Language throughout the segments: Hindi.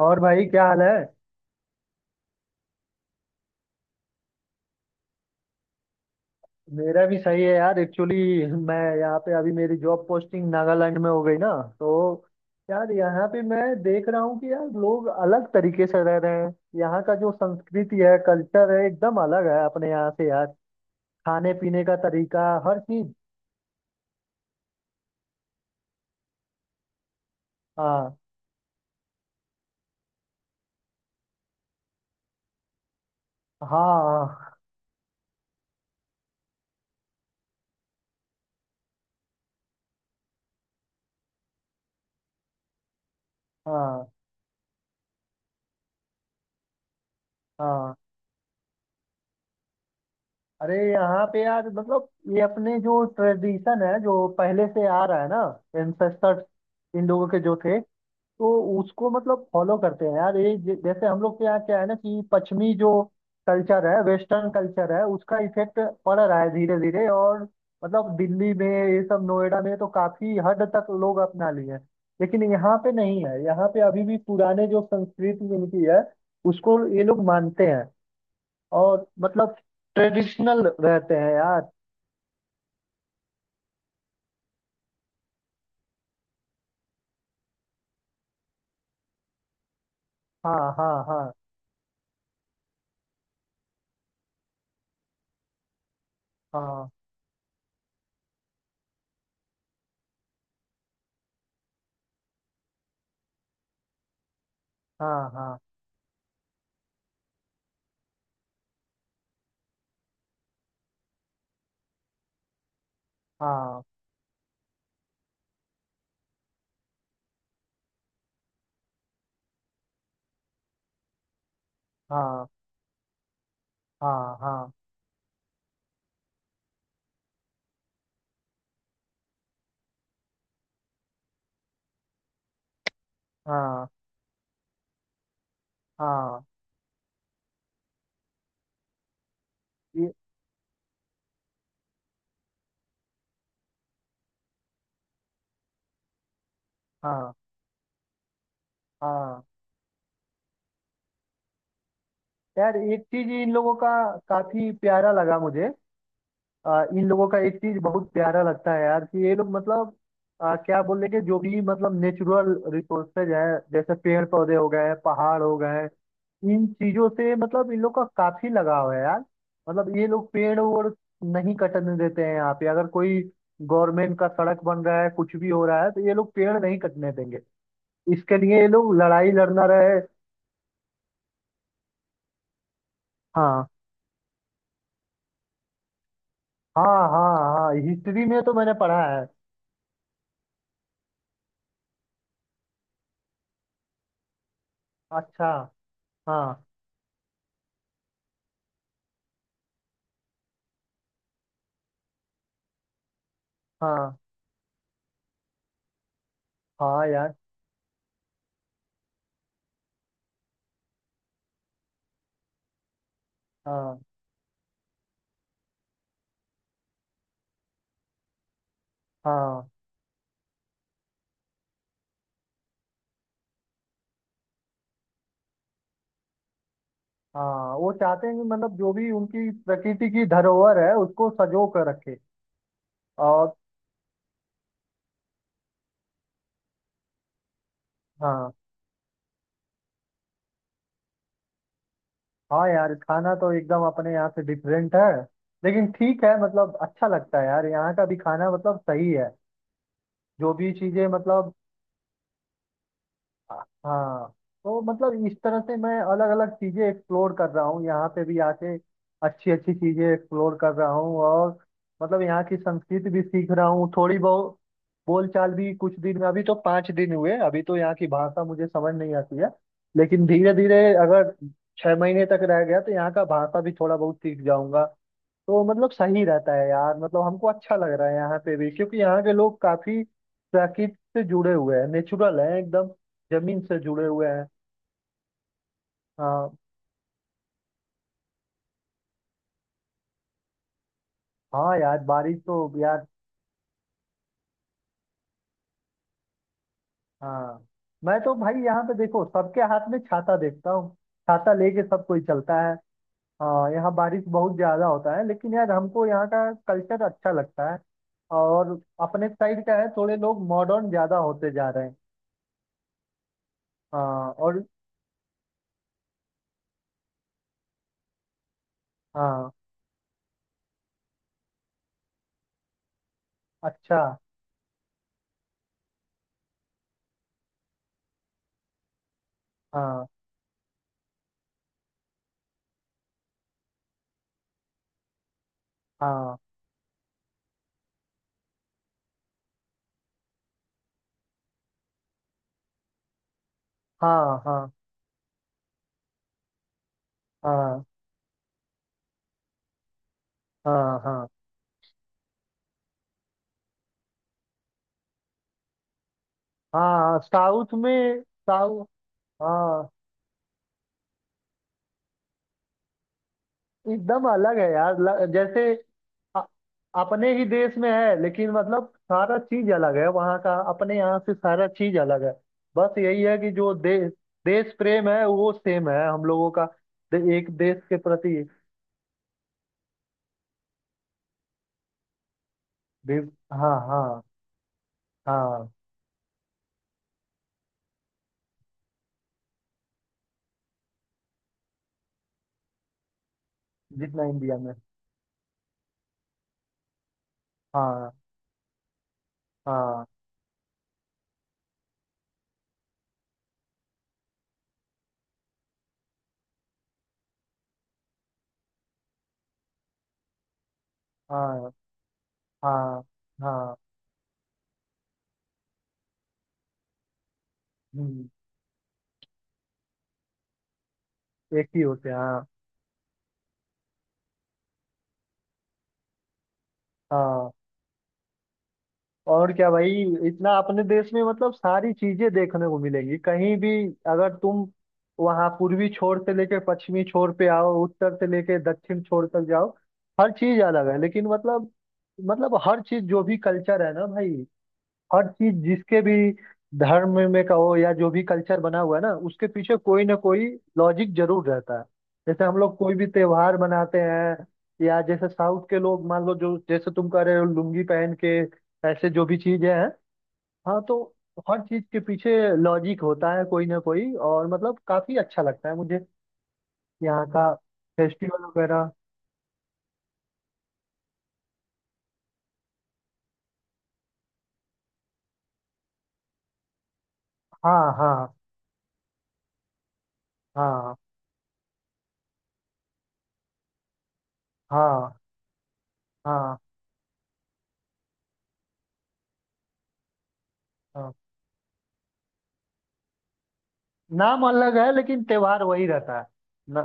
और भाई क्या हाल है। मेरा भी सही है यार। एक्चुअली मैं यहाँ पे अभी, मेरी जॉब पोस्टिंग नागालैंड में हो गई ना, तो यार यहाँ पे मैं देख रहा हूँ कि यार लोग अलग तरीके से रह रहे हैं। यहाँ का जो संस्कृति है, कल्चर है, एकदम अलग है अपने यहाँ से यार। खाने पीने का तरीका, हर चीज। हाँ। हाँ। हाँ। हाँ। अरे यहाँ पे यार मतलब, ये अपने जो ट्रेडिशन है, जो पहले से आ रहा है ना, एंसेस्टर्स इन लोगों के जो थे, तो उसको मतलब फॉलो करते हैं यार। ये जैसे हम लोग के यहाँ क्या है ना, कि पश्चिमी जो कल्चर है, वेस्टर्न कल्चर है, उसका इफेक्ट पड़ रहा है धीरे धीरे। और मतलब दिल्ली में ये सब, नोएडा में तो काफी हद तक लोग अपना लिए हैं, लेकिन यहाँ पे नहीं है। यहाँ पे अभी भी पुराने जो संस्कृति इनकी है उसको ये लोग मानते हैं, और मतलब ट्रेडिशनल रहते हैं यार। हाँ। हाँ। हाँ। हाँ। हाँ। हाँ। हाँ। हाँ। हाँ। हाँ। हाँ। हाँ। ये- हाँ। हाँ। यार एक चीज इन लोगों का काफी प्यारा लगा मुझे। इन लोगों का एक चीज बहुत प्यारा लगता है यार, कि ये लोग मतलब, क्या बोल रहे, कि जो भी मतलब नेचुरल रिसोर्सेज है, जैसे पेड़ पौधे हो गए, पहाड़ हो गए, इन चीजों से मतलब इन लोग का काफी लगाव है यार। मतलब ये लोग पेड़ वोड़ नहीं कटने देते हैं। यहाँ पे अगर कोई गवर्नमेंट का सड़क बन रहा है, कुछ भी हो रहा है, तो ये लोग पेड़ नहीं कटने देंगे। इसके लिए ये लोग लड़ाई लड़ना रहे। हाँ। हाँ। हाँ। हाँ हिस्ट्री में तो मैंने पढ़ा है। अच्छा। हाँ। हाँ। हाँ यार। हाँ। हाँ। हाँ वो चाहते हैं कि मतलब जो भी उनकी प्रकृति की धरोहर है उसको सजो कर रखे। और हाँ। हाँ यार खाना तो एकदम अपने यहाँ से डिफरेंट है। लेकिन ठीक है, मतलब अच्छा लगता है यार, यहाँ का भी खाना मतलब सही है। जो भी चीजें मतलब। हाँ। तो मतलब इस तरह से मैं अलग अलग चीजें एक्सप्लोर कर रहा हूँ यहाँ पे भी आके। अच्छी अच्छी चीजें एक्सप्लोर कर रहा हूँ, और मतलब यहाँ की संस्कृति भी सीख रहा हूँ थोड़ी बहुत। बोलचाल भी कुछ दिन में, अभी तो 5 दिन हुए, अभी तो यहाँ की भाषा मुझे समझ नहीं आती है। लेकिन धीरे धीरे अगर 6 महीने तक रह गया तो यहाँ का भाषा भी थोड़ा बहुत सीख जाऊंगा। तो मतलब सही रहता है यार। मतलब हमको अच्छा लग रहा है यहाँ पे भी, क्योंकि यहाँ के लोग काफी प्रकृति से जुड़े हुए हैं, नेचुरल हैं एकदम, जमीन से जुड़े हुए हैं। हाँ। हाँ यार बारिश तो यार। हाँ मैं तो भाई यहाँ पे देखो, सबके हाथ में छाता देखता हूँ। छाता लेके सब कोई चलता है। हाँ यहाँ बारिश बहुत ज्यादा होता है, लेकिन यार हमको यहाँ का कल्चर अच्छा लगता है। और अपने साइड का है, थोड़े लोग मॉडर्न ज्यादा होते जा रहे हैं। हाँ। और हाँ। अच्छा। हाँ। हाँ। हाँ। हाँ। हाँ। हाँ। हाँ। हाँ साउथ में। साउथ। हाँ एकदम अलग है यार। जैसे अ- अपने ही देश में है, लेकिन मतलब सारा चीज अलग है वहाँ का, अपने यहाँ से सारा चीज अलग है। बस यही है कि जो देश, देश प्रेम है वो सेम है हम लोगों का। एक देश के प्रति भी। हाँ। हाँ। हाँ जितना इंडिया में। हाँ। हाँ। हाँ। हाँ। हाँ। हम्म, एक ही होते हैं हाँ। हाँ। और क्या भाई। इतना अपने देश में मतलब सारी चीजें देखने को मिलेंगी कहीं भी, अगर तुम वहां पूर्वी छोर से लेके पश्चिमी छोर पे आओ, उत्तर से लेके दक्षिण छोर तक जाओ, हर चीज अलग है। लेकिन मतलब, मतलब हर चीज जो भी कल्चर है ना भाई, हर चीज जिसके भी धर्म में कहो, या जो भी कल्चर बना हुआ है ना, उसके पीछे कोई ना कोई लॉजिक जरूर रहता है। जैसे हम लोग कोई भी त्योहार मनाते हैं, या जैसे साउथ के लोग मान लो, जो जैसे तुम कह रहे हो लुंगी पहन के, ऐसे जो भी चीजें हैं। हाँ। तो हर चीज के पीछे लॉजिक होता है कोई ना कोई, और मतलब काफी अच्छा लगता है मुझे यहाँ का फेस्टिवल वगैरह। हाँ। हाँ। हाँ। हाँ। हाँ। हाँ नाम अलग है, लेकिन त्योहार वही रहता है। न,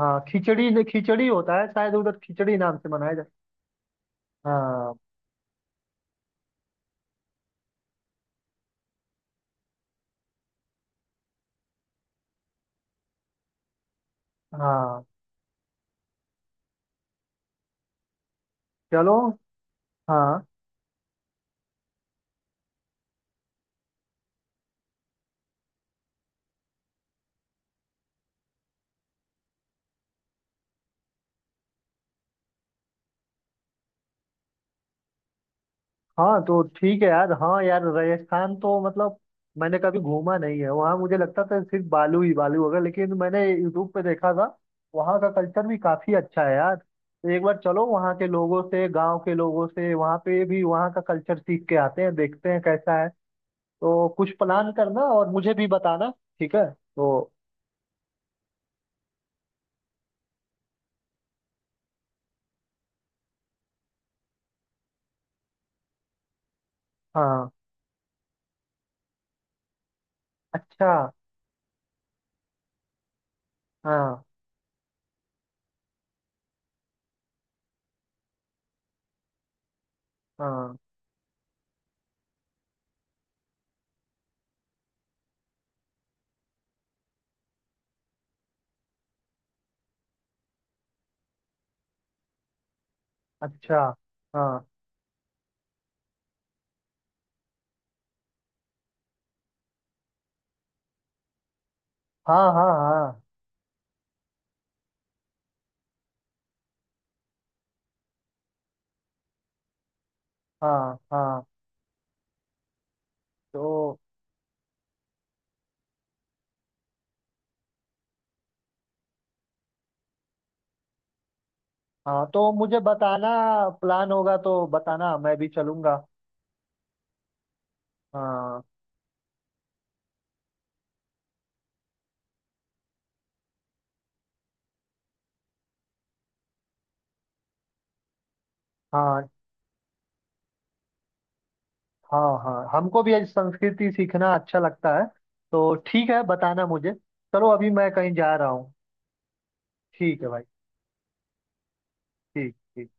हाँ खिचड़ी, नहीं खिचड़ी होता है शायद, उधर खिचड़ी नाम से मनाया जाता। हाँ। हाँ। चलो। हाँ। हाँ तो ठीक है यार। हाँ यार राजस्थान तो मतलब, मैंने कभी घूमा नहीं है वहाँ। मुझे लगता था सिर्फ बालू ही बालू होगा, लेकिन मैंने यूट्यूब पे देखा था वहाँ का कल्चर भी काफी अच्छा है यार। तो एक बार चलो वहाँ के लोगों से, गांव के लोगों से, वहाँ पे भी वहाँ का कल्चर सीख के आते हैं, देखते हैं कैसा है। तो कुछ प्लान करना, और मुझे भी बताना। ठीक है। तो हाँ। अच्छा। हाँ। हाँ। अच्छा। हाँ। हाँ। हाँ। हाँ। हाँ। हाँ। तो हाँ। तो मुझे बताना। प्लान होगा तो बताना, मैं भी चलूंगा। हाँ। हाँ। हाँ। हाँ हमको भी आज संस्कृति सीखना अच्छा लगता है। तो ठीक है, बताना मुझे। चलो अभी मैं कहीं जा रहा हूँ। ठीक है भाई। ठीक ठीक।